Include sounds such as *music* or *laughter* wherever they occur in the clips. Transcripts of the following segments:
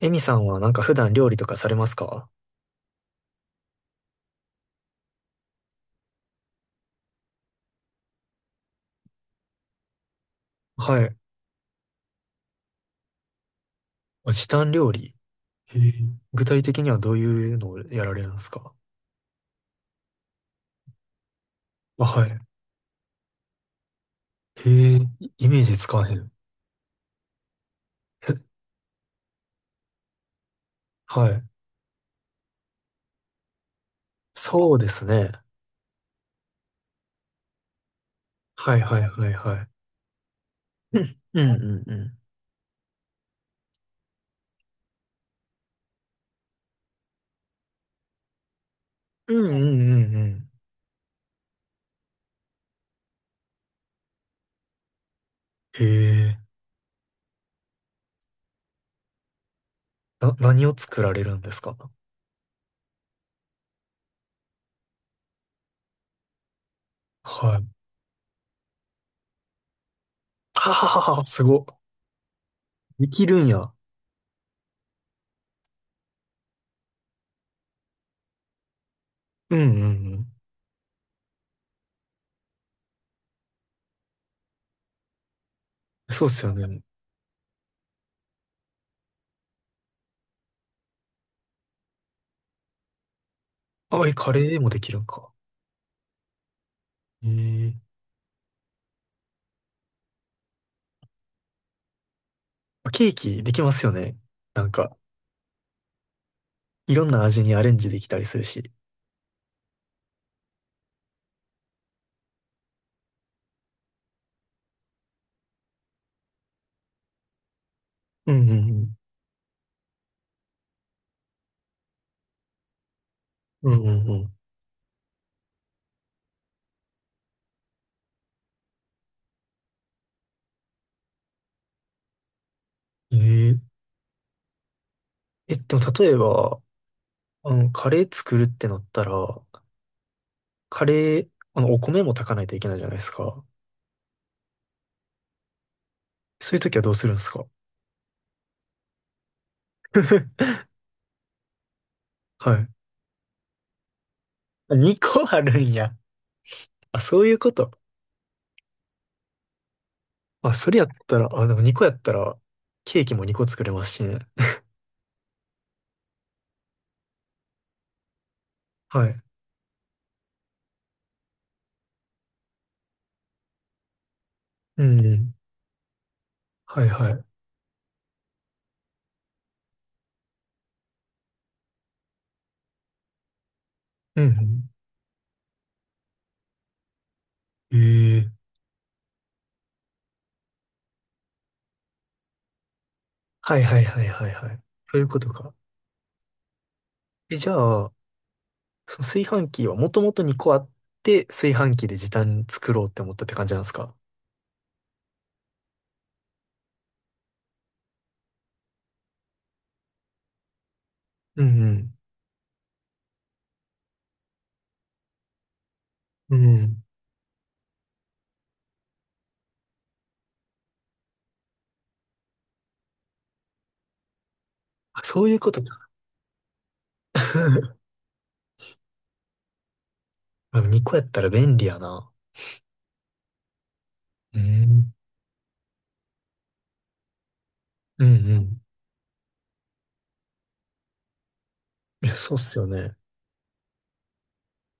エミさんはなんか普段料理とかされますか？はい。あ、時短料理。へえ。具体的にはどういうのをやられるんですか？あ、はい。へえ。イイメージつかへん。はい。そうですね。はいはいはいはい。うん、うん、うんうん。うんうんうんうん。へえ。何を作られるんですか？はい。はははは、すご。できるんや。うんうんうん。そうっすよね。あ、え、カレーもできるんか？へえ。あ、ケーキできますよね。なんか。いろんな味にアレンジできたりするし。うんうんうん。うんうんうん。ええ。え、でも例えば、カレー作るってなったら、カレー、お米も炊かないといけないじゃないですか。そういう時はどうするんですか？ *laughs* はい。あ、2個あるんや。あ、そういうこと。まあ、それやったら、あ、でも2個やったら、ケーキも2個作れますしね。はい。うんうん。はいはい。うんうん。ええ。はいはいはいはいはい。そういうことか。え、じゃあ、その炊飯器はもともと2個あって、炊飯器で時短作ろうって思ったって感じなんですか？うんうん。うん。あ、そういうことか。*laughs* 2個やったら便利やな。うん。うんうん。いや、そうっすよね。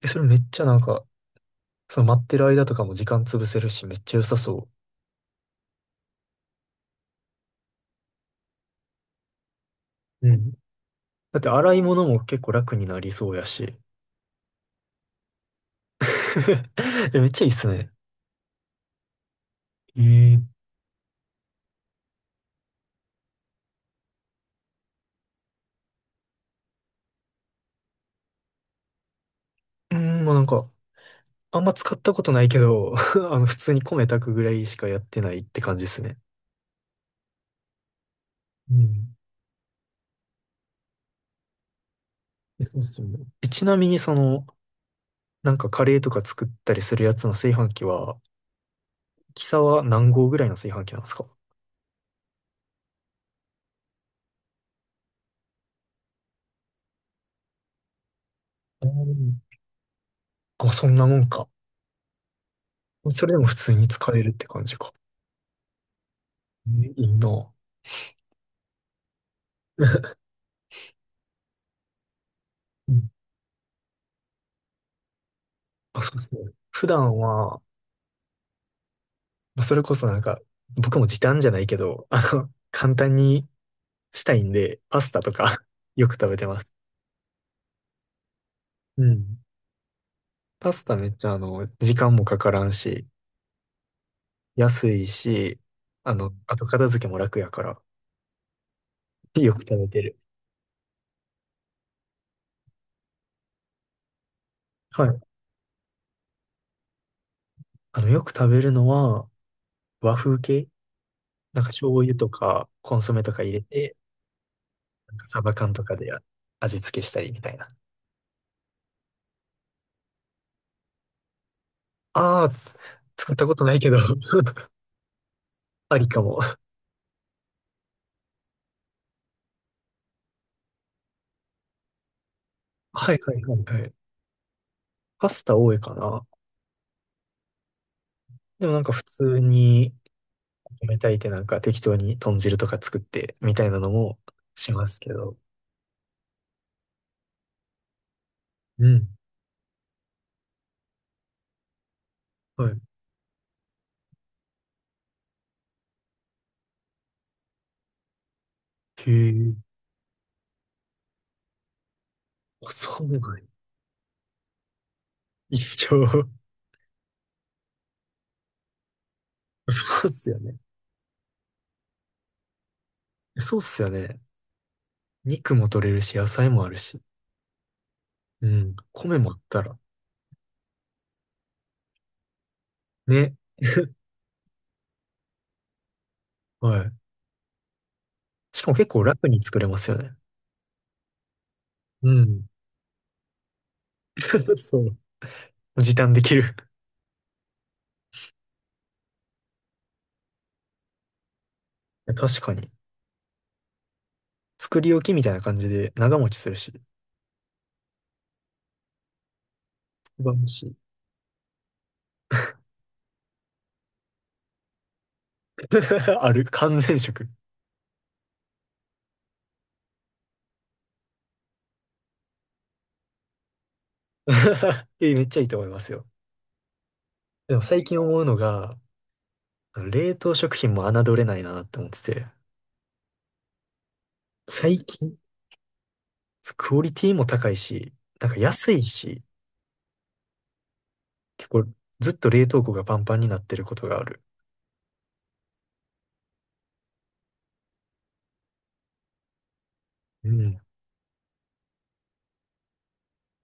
え、それめっちゃなんか、その待ってる間とかも時間潰せるし、めっちゃ良さそう。うん。だって洗い物も結構楽になりそうやし。*laughs* え、めっちゃいいっすね。ええ。うん、まあなんか、あんま使ったことないけど、*laughs* 普通に米炊くぐらいしかやってないって感じですね。うん。え、そうっすよね。え、ちなみにその、なんかカレーとか作ったりするやつの炊飯器は、キサは何号ぐらいの炊飯器なんですか？あー、でも、まあ、そんなもんか。それでも普通に使えるって感じか。え、いいな。うん。*laughs* あ、そうですね。普段は、まあそれこそなんか、僕も時短じゃないけど、簡単にしたいんで、パスタとか *laughs* よく食べてます。うん。パスタめっちゃ時間もかからんし、安いし、あと片付けも楽やから、*laughs* よく食べてる。はい。よく食べるのは、和風系なんか醤油とか、コンソメとか入れて、なんかサバ缶とかで味付けしたりみたいな。ああ、作ったことないけど *laughs* ありかも。はいはいはいはい。パスタ多いかな。でもなんか普通に、米炊いてなんか適当に豚汁とか作ってみたいなのもしますけど。うん。はい。へえ。あ、そうなんや。一緒。*laughs* そうっすよね。そうっすよね。肉も取れるし、野菜もあるし。うん。米もあったら。ね。はい。しかも結構楽に作れますよね。うん。*laughs* そう。時短できる。いや、確かに。作り置きみたいな感じで長持ちするし、一番欲しい。*laughs* ある。完全食。*laughs* え、めっちゃいいと思いますよ。でも最近思うのが、あの冷凍食品も侮れないなって思ってて、最近、クオリティも高いし、なんか安いし、結構ずっと冷凍庫がパンパンになってることがある。うん。い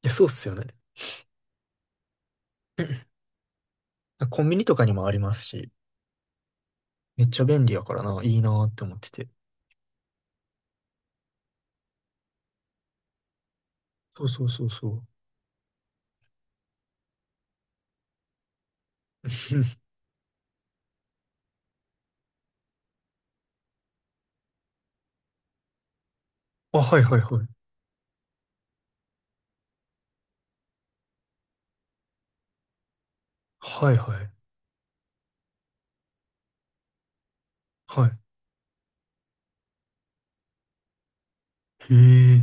や、そうっすよね。コンビニとかにもありますし、めっちゃ便利やからな、いいなって思ってて。そうそうそうそう。*laughs* あ、はいはいはい。はいはい。はい。へえ。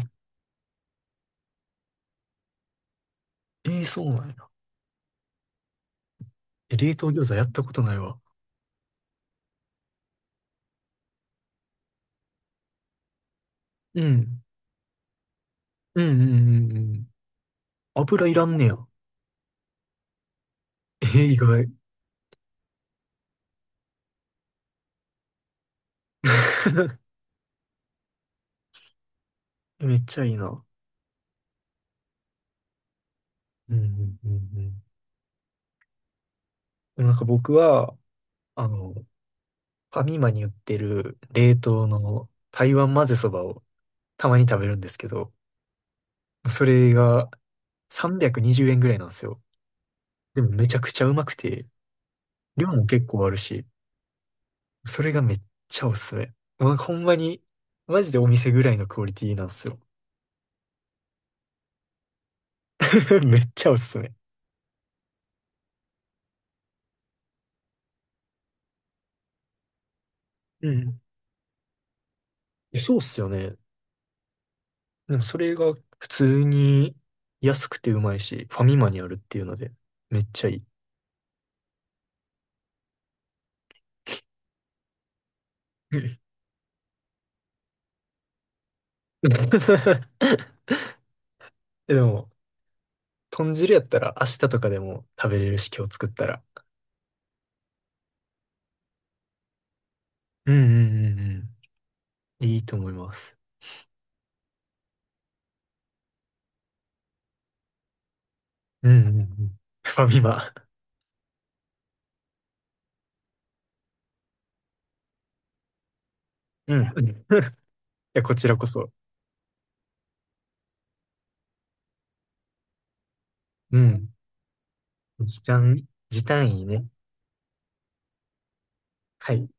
ええ、そうなんや。え、冷凍餃子やったことないわ。うん。うんうんうんうん。油いらんねや。ええ、意外。*laughs* めっちゃいいな。うんうんうんうん。でもなんか僕は、あの、ファミマに売ってる冷凍の台湾混ぜそばをたまに食べるんですけど、それが320円ぐらいなんですよ。でもめちゃくちゃうまくて、量も結構あるし、それがめっちゃおすすめ。まあ、ほんまに、マジでお店ぐらいのクオリティなんですよ。*laughs* めっちゃおすすめ。うん。そうっすよね。でもそれが普通に安くてうまいし、ファミマにあるっていうので、めっちゃいい。うん。 *laughs* でも、豚汁やったら明日とかでも食べれるし、今日作ったら。うんうんうんうん、いいと思います。うんうん。うんうん、ファミマ。うん。*laughs* いや、こちらこそ。うん。うん。時短、いいね。はい。